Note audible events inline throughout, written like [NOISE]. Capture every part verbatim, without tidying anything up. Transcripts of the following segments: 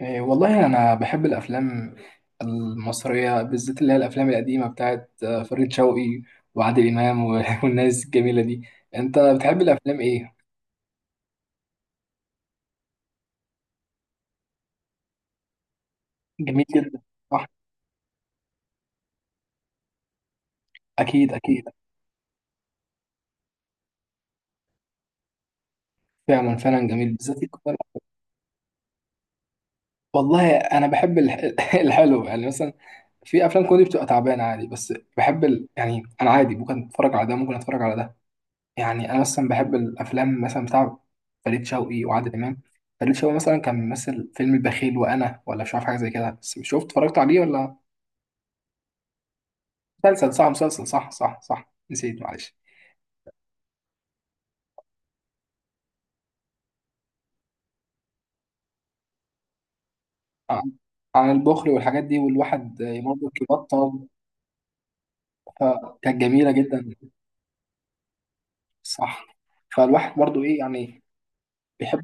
إيه والله أنا بحب الأفلام المصرية بالذات اللي هي الأفلام القديمة بتاعت آه، فريد شوقي وعادل إمام و- [LAUGHS] والناس الجميلة دي. أنت بتحب الأفلام إيه؟ جميل جدا. صح. أكيد، أكيد. فعلا، فعلا، جميل بالذات الكوميدي. والله أنا بحب الح- [LAUGHS] الحلو، يعني مثلا في أفلام كوميدي بتبقى تعبانة عادي، بس بحب ال... يعني أنا عادي، ممكن أتفرج على ده ممكن أتفرج على ده. يعني انا اصلا بحب الافلام مثلا بتاع فريد شوقي وعادل امام. فريد شوقي مثلا كان ممثل فيلم البخيل وانا، ولا مش عارف حاجه زي كده، بس شفت اتفرجت عليه ولا. مسلسل صح، مسلسل صح، صح، صح، نسيت معلش. آه. عن البخل والحاجات دي، والواحد آه، برضه يبطل. فكانت جميله جدا. صح. فالواحد برضه ايه يعني. بيحب.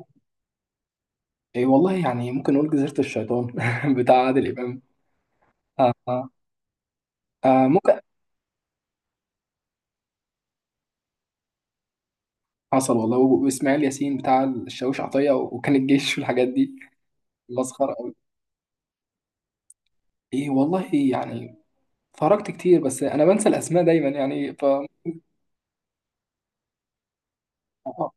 إيه والله، يعني ممكن نقول جزيره الشيطان [LAUGHS] بتاع عادل امام. آه. آه. آه. ممكن. حصل والله، واسماعيل ياسين بتاع الشاويش عطيه، وكان الجيش والحاجات دي. مسخرة أوي. إيه والله يعني. اتفرجت كتير، بس أنا بنسى الأسماء دايما يعني ف. آه.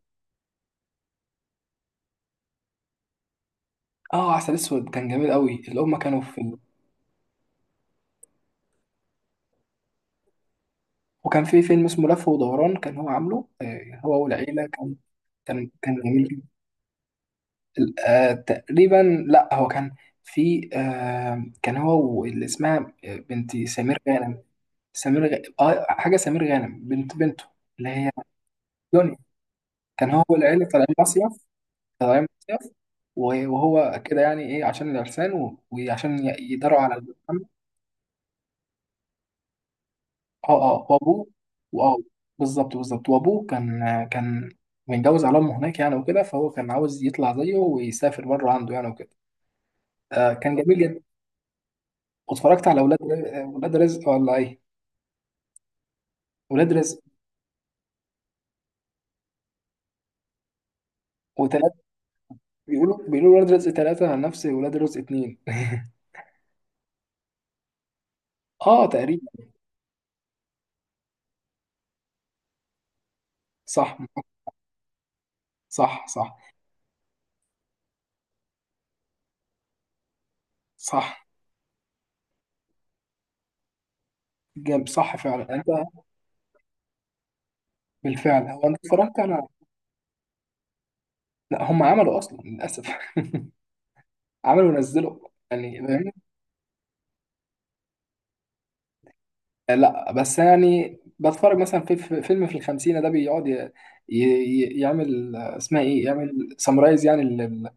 آه، عسل أسود كان جميل أوي، اللي هما كانوا في. وكان في فيلم اسمه لف ودوران، كان هو عامله آه، هو والعيلة كان. كان كان جميل جدا. آه تقريبا، لأ هو كان. في آه كان هو واللي اسمها آه، بنت سمير غانم. سمير غ... آه حاجة سمير غانم، بنت بنته. اللي هي دنيا. كان هو والعيلة طالعين مصيف. تمام. مصيف. و- وهو كده يعني ايه، عشان العرسان و- وعشان ي- يداروا على المحمد. اه، اه، وابوه. واه. بالظبط، بالظبط، وابوه كان كان متجوز على امه هناك يعني، وكده فهو كان عاوز يطلع زيه ويسافر بره عنده يعني وكده. آه، كان جميل جدا. واتفرجت على ولاد ر- ولاد رزق ولا ايه. ولاد رزق. وتلاتة. بيقولوا بيقولوا ولاد رزق ثلاثة نفس ولاد رزق اتنين [LAUGHS] اه تقريبا. صح، صح. صح، صح، جامد، صح فعلا انت. بالفعل، هو انت اتفرجت على. لا، هم عملوا اصلا للاسف. [LAUGHS] عملوا ونزلوا. يعني فاهمني. لا، بس يعني بتفرج مثلا في في- فيلم في الخمسينة ده بيقعد ي- ي- يعمل آه، اسمها ايه، يعمل سمرايز يعني لل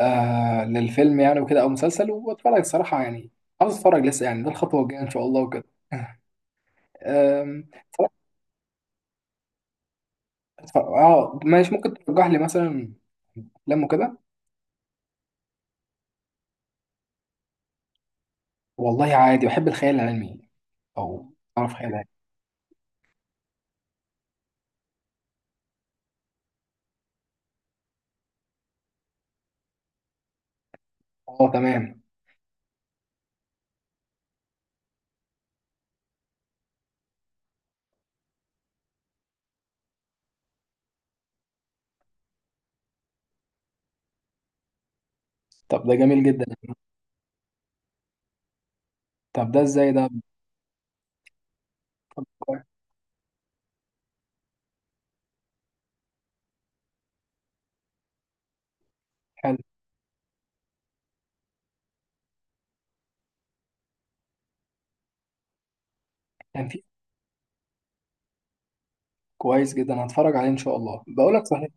آه للفيلم، يعني وكده او مسلسل، وبتفرج الصراحة يعني. عاوز اتفرج لسه يعني، ده الخطوة الجاية ان شاء الله وكده. آم، صراحة. اتف- اه، ماشي، ممكن ترجح لي مثلا افلام وكده. والله عادي بحب الخيال العلمي، او اعرف خيال علمي. اه، تمام. طب ده جميل جدا. طب ده ازاي ده. حلو. كان في. كويس جدا، هتفرج عليه ان شاء الله، بقول لك صحيح.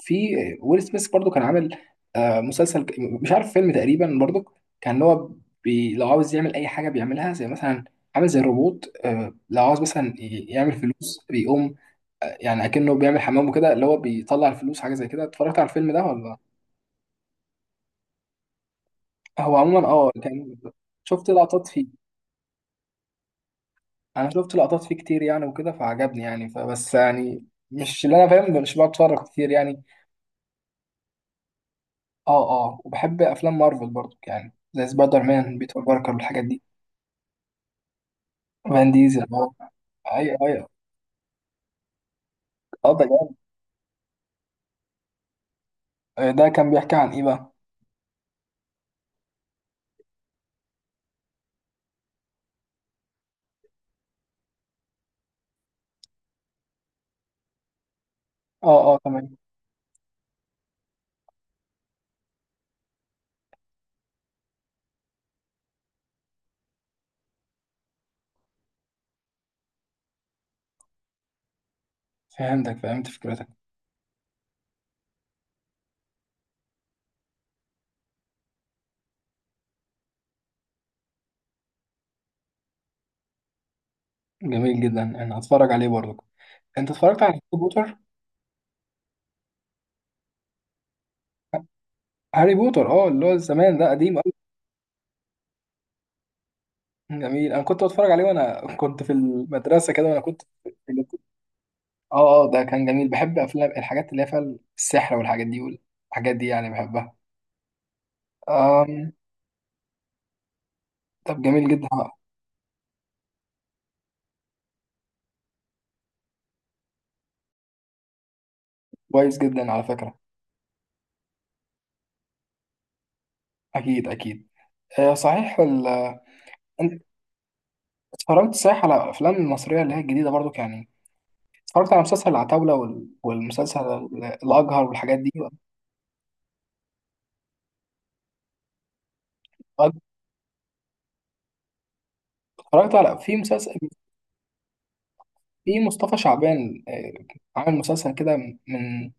في ويل سميث برضو كان عامل آه، مسلسل ك- مش عارف، فيلم تقريبا برضو. كان هو بي لو عاوز يعمل اي حاجه بيعملها، زي مثلا عامل زي الروبوت آه، لو عاوز مثلا ي- يعمل فلوس بيقوم آه، يعني اكنه بيعمل حمام وكده، اللي هو بيطلع الفلوس، حاجه زي كده، اتفرجت على الفيلم ده ولا. هو عموما اه كان. شفت لقطات فيه. انا شفت لقطات فيه كتير يعني وكده، فعجبني يعني، فبس يعني. مش اللي انا فاهم، مش بتفرج كتير يعني. اه، اه، وبحب افلام مارفل برضو يعني، زي سبايدر مان، بيتر باركر والحاجات دي. فان ديزل، اه. ايوه، ايوه. اه، ده جامد. آه، ده كان بيحكي عن ايه بقى. اه، اه، تمام. فهمتك، فهمت فكرتك. جميل جدا، انا هتفرج عليه برضو. انت اتفرجت على هاري بوتر. هاري بوتر، اه، اللي هو زمان، ده قديم قوي. جميل، انا كنت بتفرج عليه وانا كنت في المدرسه كده، وانا كنت في- اه، اه، ده كان جميل، بحب افلام الحاجات اللي هي فيها السحر والحاجات دي والحاجات دي يعني بحبها. أم... طب جميل جدا آه، كويس جدا على فكره. اكيد، اكيد. آه، صحيح ال... آه، انت اتفرجت صحيح على الافلام المصريه اللي هي الجديده برضو يعني. اتفرجت على مسلسل العتاوله وال... والمسلسل ال- الاجهر والحاجات دي. اتفرجت على في مسلسل في مصطفى شعبان آه، عامل مسلسل كده من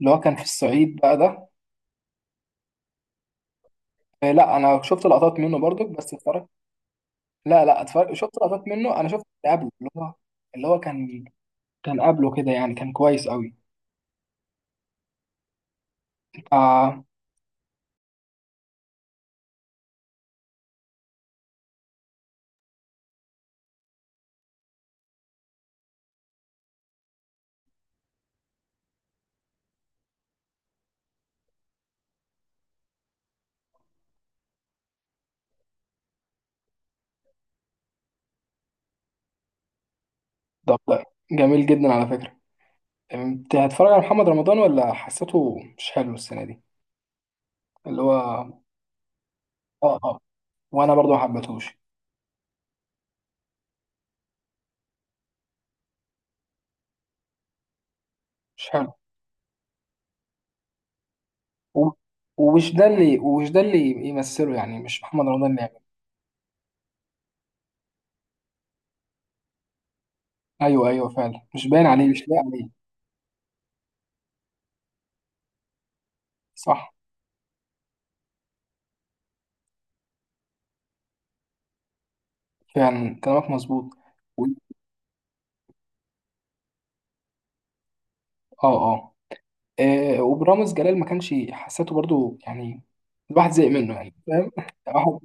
اللي هو كان في الصعيد بقى ده. آه، لا، انا شفت لقطات منه برضو بس اتفرجت. لا، لا، اتفرجت، شفت لقطات منه، انا شفت اللي قبله اللي هو. اللي هو كان كان قبله كده يعني، كان كويس قوي. آه. ده جميل جدا على فكره. انت هتتفرج على محمد رمضان، ولا حسيته مش حلو السنه دي اللي هو. اه. اه، وانا برضو ما حبيتهوش. مش حلو. و- ومش ده اللي ومش ده اللي يمثله يعني، مش محمد رمضان اللي يعمله. ايوه، ايوه، فعلا، مش باين عليه، مش لاقي عليه. صح، فعلا كلامك مظبوط. و- اه، اه، آه، وبرامز جلال ما كانش حسيته برضو يعني، الواحد زهق منه يعني فاهم. [LAUGHS] واحد.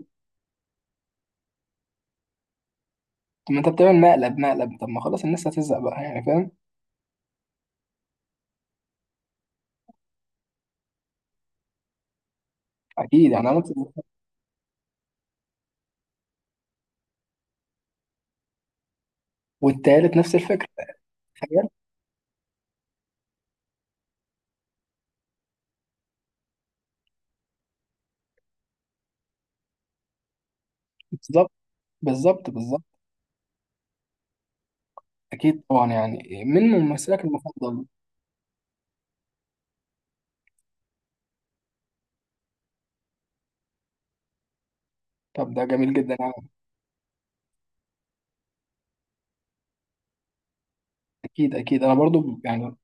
ما انت بتعمل مقلب مقلب، طب ما خلاص الناس هتزهق بقى يعني فاهم. اكيد يعني عملت. والتالت نفس الفكره. تخيل. بالظبط. بالظبط، بالظبط. اكيد طبعا، يعني من ممثلك المفضل. طب ده جميل جدا يعني. اكيد، اكيد، انا برضو يعني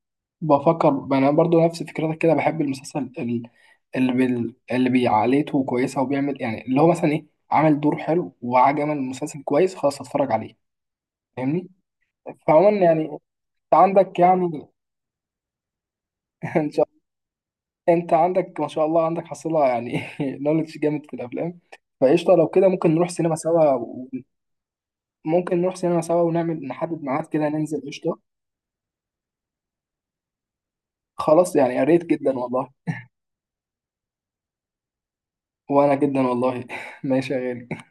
بفكر، انا برضو نفس فكرتك كده، بحب المسلسل ال- اللي بال... اللي بيعاليته كويسه، وبيعمل يعني اللي هو مثلا ايه، عمل دور حلو وعجبني المسلسل كويس، خلاص اتفرج عليه. فاهمني. فعموما يعني، انت عندك يعني [LAUGHS] ان شاء. انت عندك ما شاء الله عندك حصيله يعني [LAUGHS] نولج جامد في الافلام. فقشطه لو كده ممكن نروح سينما سوا. ممكن نروح سينما سوا، ونعمل نحدد ميعاد كده، ننزل قشطة. خلاص يعني يا ريت جدا والله. وأنا جدا والله [LAUGHS] ماشي يا غالي.